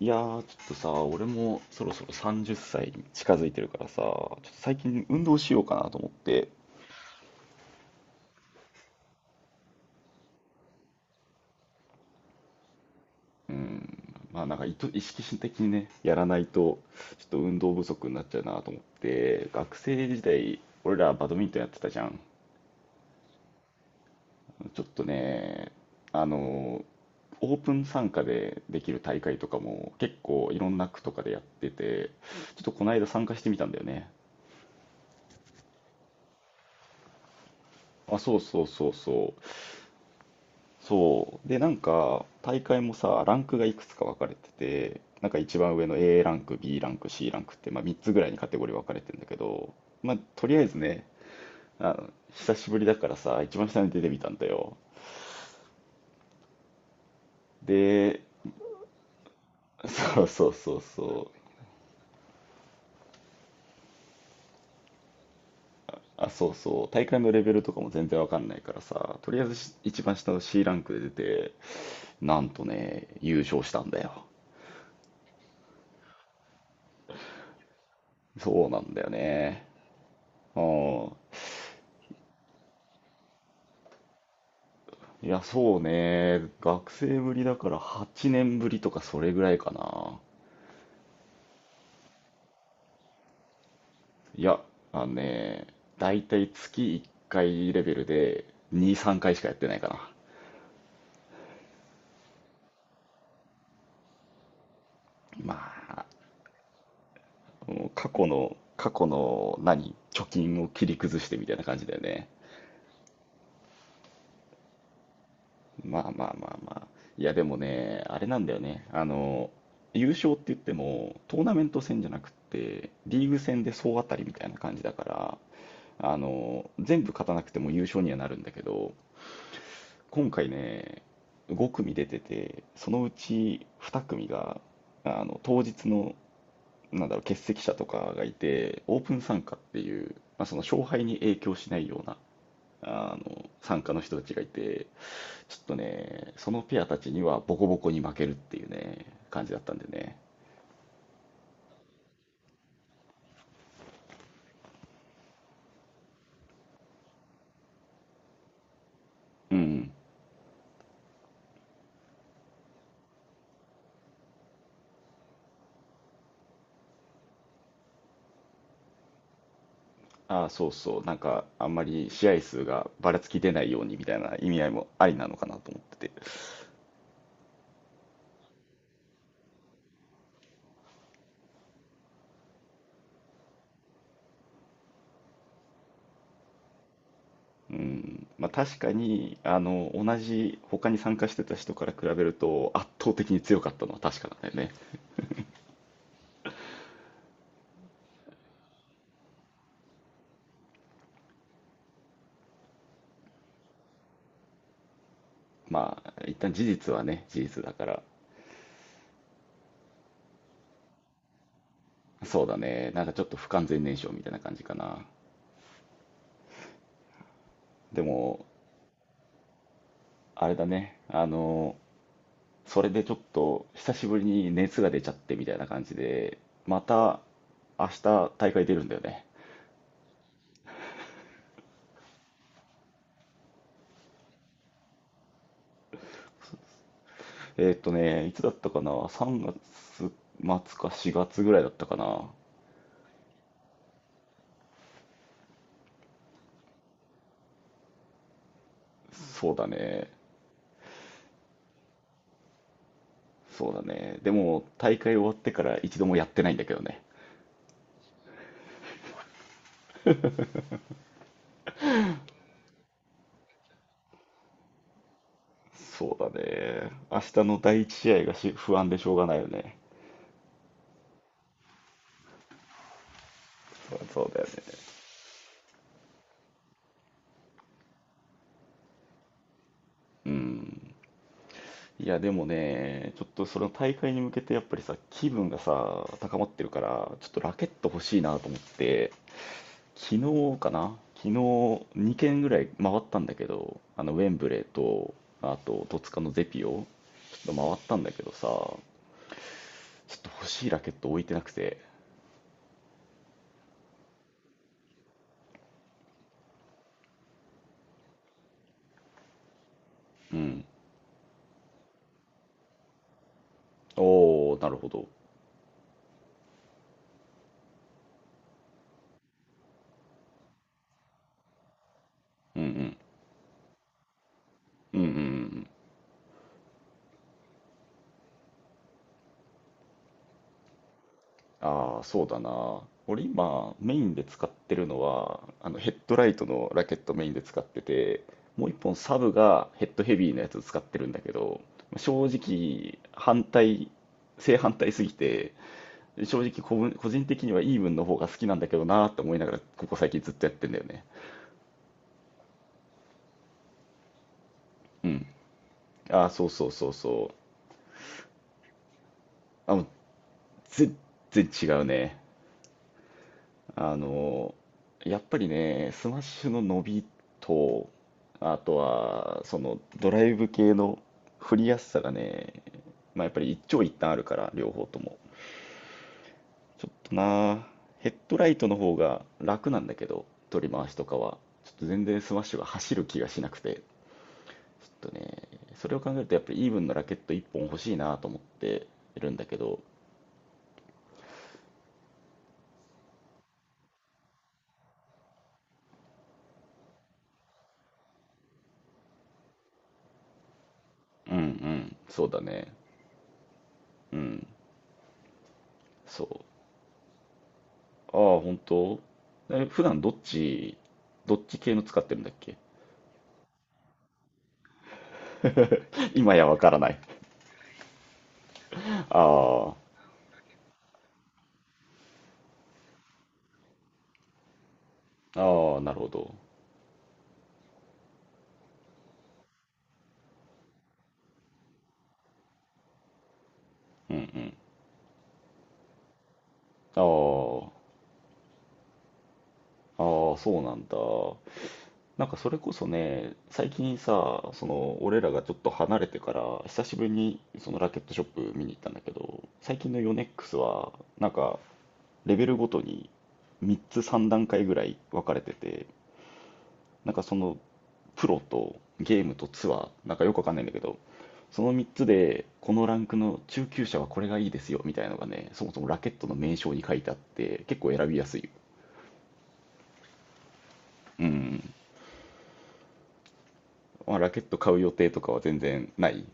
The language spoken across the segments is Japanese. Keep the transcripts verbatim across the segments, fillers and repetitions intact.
いやー、ちょっとさ、俺もそろそろさんじゅっさいに近づいてるからさ、ちょっと最近運動しようかなと思って、まあなんか意図、意識的にね、やらないと、ちょっと運動不足になっちゃうなと思って、学生時代、俺らバドミントンやってたじゃん。ちょっとね、あの、オープン参加でできる大会とかも結構いろんな区とかでやってて、ちょっとこの間参加してみたんだよね。あ、そうそうそうそう。そう。で、なんか、大会もさ、ランクがいくつか分かれてて、なんか一番上の A ランク、B ランク、C ランクって、まあ、みっつぐらいにカテゴリー分かれてんだけど、まあ、とりあえずね、あの、久しぶりだからさ、一番下に出てみたんだよ。で、そうそうそうそう。あ、そうそう。大会のレベルとかも全然分かんないからさ、とりあえずし一番下の C ランクで出て、なんとね、優勝したんだよ。そうなんだよね。うん。いや、そうね。学生ぶりだからはちねんぶりとかそれぐらいかな。いや、あのね、だいたい月いっかいレベルでに、さんかいしかやってないかな。まあ、もう過去の、過去の何、貯金を切り崩してみたいな感じだよね。まあまあまあまあ。いや、でもね、あれなんだよね。あの、優勝って言っても、トーナメント戦じゃなくって、リーグ戦で総当たりみたいな感じだから、あの、全部勝たなくても優勝にはなるんだけど、今回ね、ご組出てて、そのうちに組が、あの、当日の、なんだろう、欠席者とかがいて、オープン参加っていう、まあ、その勝敗に影響しないような、あの、参加の人たちがいて、ちょっとね、そのペアたちにはボコボコに負けるっていうね、感じだったんでね。うん。ああ、そうそう。なんか、あんまり試合数がばらつき出ないようにみたいな意味合いもありなのかなと思ってて。うん、まあ確かに、あの、同じ他に参加してた人から比べると圧倒的に強かったのは確かなんだよね。まあ、一旦事実はね、事実だから。そうだね。なんかちょっと不完全燃焼みたいな感じかな。でも、あれだね。あの、それでちょっと久しぶりに熱が出ちゃってみたいな感じで、また明日大会出るんだよね。えーっとね、いつだったかな？ さん 月末かしがつぐらいだったかな。そうだね。そうだね。でも、大会終わってから一度もやってないんだけどね。そうだね。明日の第一試合がし不安でしょうがないよね。そうそうだよね。うん。いや、でもね、ちょっとその大会に向けてやっぱりさ、気分がさ、高まってるから、ちょっとラケット欲しいなと思って、昨日かな昨日に軒ぐらい回ったんだけど、あの、ウェンブレーと、あと、戸塚のゼピオ、ちょっと回ったんだけどさ、ちょっと欲しいラケット置いてなくて、うん。おお、なるほど。うんうん。うんうんうんうん。ああ、そうだな。俺今、メインで使ってるのは、あのヘッドライトのラケットメインで使ってて、もう一本サブがヘッドヘビーのやつ使ってるんだけど、正直、反対、正反対すぎて、正直個分、個人的にはイーブンの方が好きなんだけどなーって思いながら、ここ最近ずっとやってんだよね。うん。ああ、そうそうそうそう。あ、もう全然違うね。あの、やっぱりね、スマッシュの伸びと、あとは、そのドライブ系の振りやすさがね、まあやっぱり一長一短あるから、両方とも。ちょっとな、ヘッドライトの方が楽なんだけど、取り回しとかは。ちょっと全然スマッシュが走る気がしなくて、ちょっとね、それを考えるとやっぱりイーブンのラケットいっぽん欲しいなと思ってるんだけど、うんうん、そうだね。うん、そう。ああ、本当え、普段どっち、どっち系の使ってるんだっけ。 今やわからない。ああ、ああ、なるほど。うんうん。ああ、ああ、そうなんだ。なんかそれこそね、最近さ、その、俺らがちょっと離れてから、久しぶりにそのラケットショップ見に行ったんだけど、最近のヨネックスは、なんか、レベルごとにみっつさん段階ぐらい分かれてて、なんかそのプロとゲームとツアー、なんかよくわかんないんだけど、そのみっつで、このランクの中級者はこれがいいですよみたいなのがね、そもそもラケットの名称に書いてあって、結構選びやすい。うん。まあ、ラケット買う予定とかは全然ない。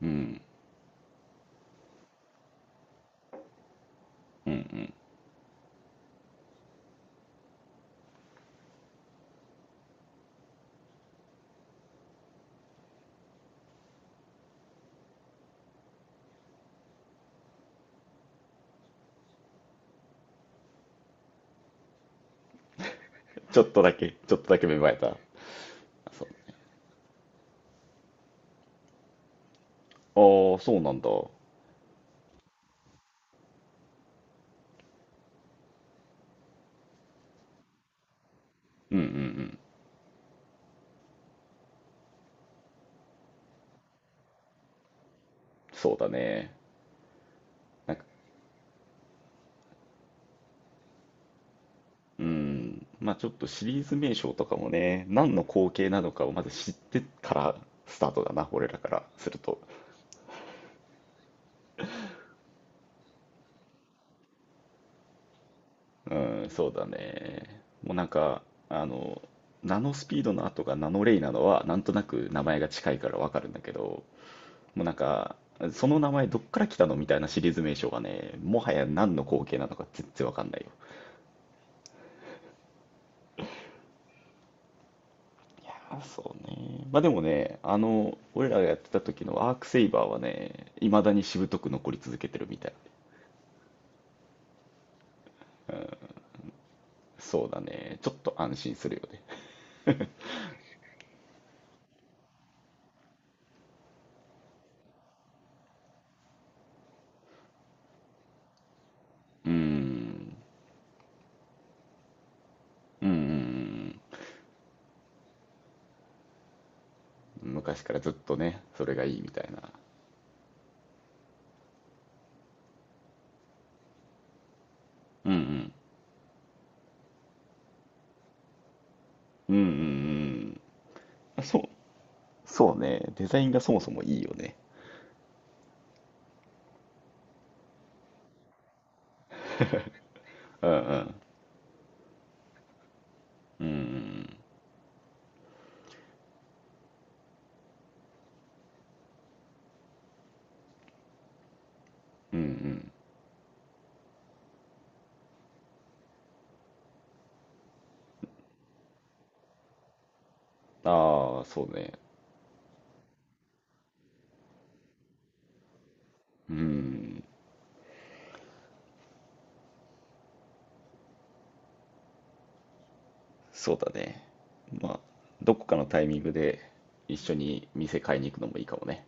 うん。ちょっとだけ、ちょっとだけ芽生えた。そう。ああ、そうなんだ。うんうんうん。そうだね。なんか、うん。まあちょっとシリーズ名称とかもね、何の光景なのかをまず知ってからスタートだな、俺らからすると。うん、そうだね。もうなんか、あの、ナノスピードの後がナノレイなのは、なんとなく名前が近いからわかるんだけど、もうなんか、その名前どっから来たのみたいなシリーズ名称がね、もはや何の光景なのか全然わかんないよ。いやー、そうね。まあでもね、あの、俺らがやってた時のアークセイバーはね、未だにしぶとく残り続けてるみたい。そうだね。ちょっと安心するよね。うーん。うんうんうん。昔からずっとね、それがいいみたいな。うんうんうんうんうん。あ、そうそうね、デザインがそもそもいいよね。ああ、そうね。そうだね。まあ、どこかのタイミングで一緒に店買いに行くのもいいかもね。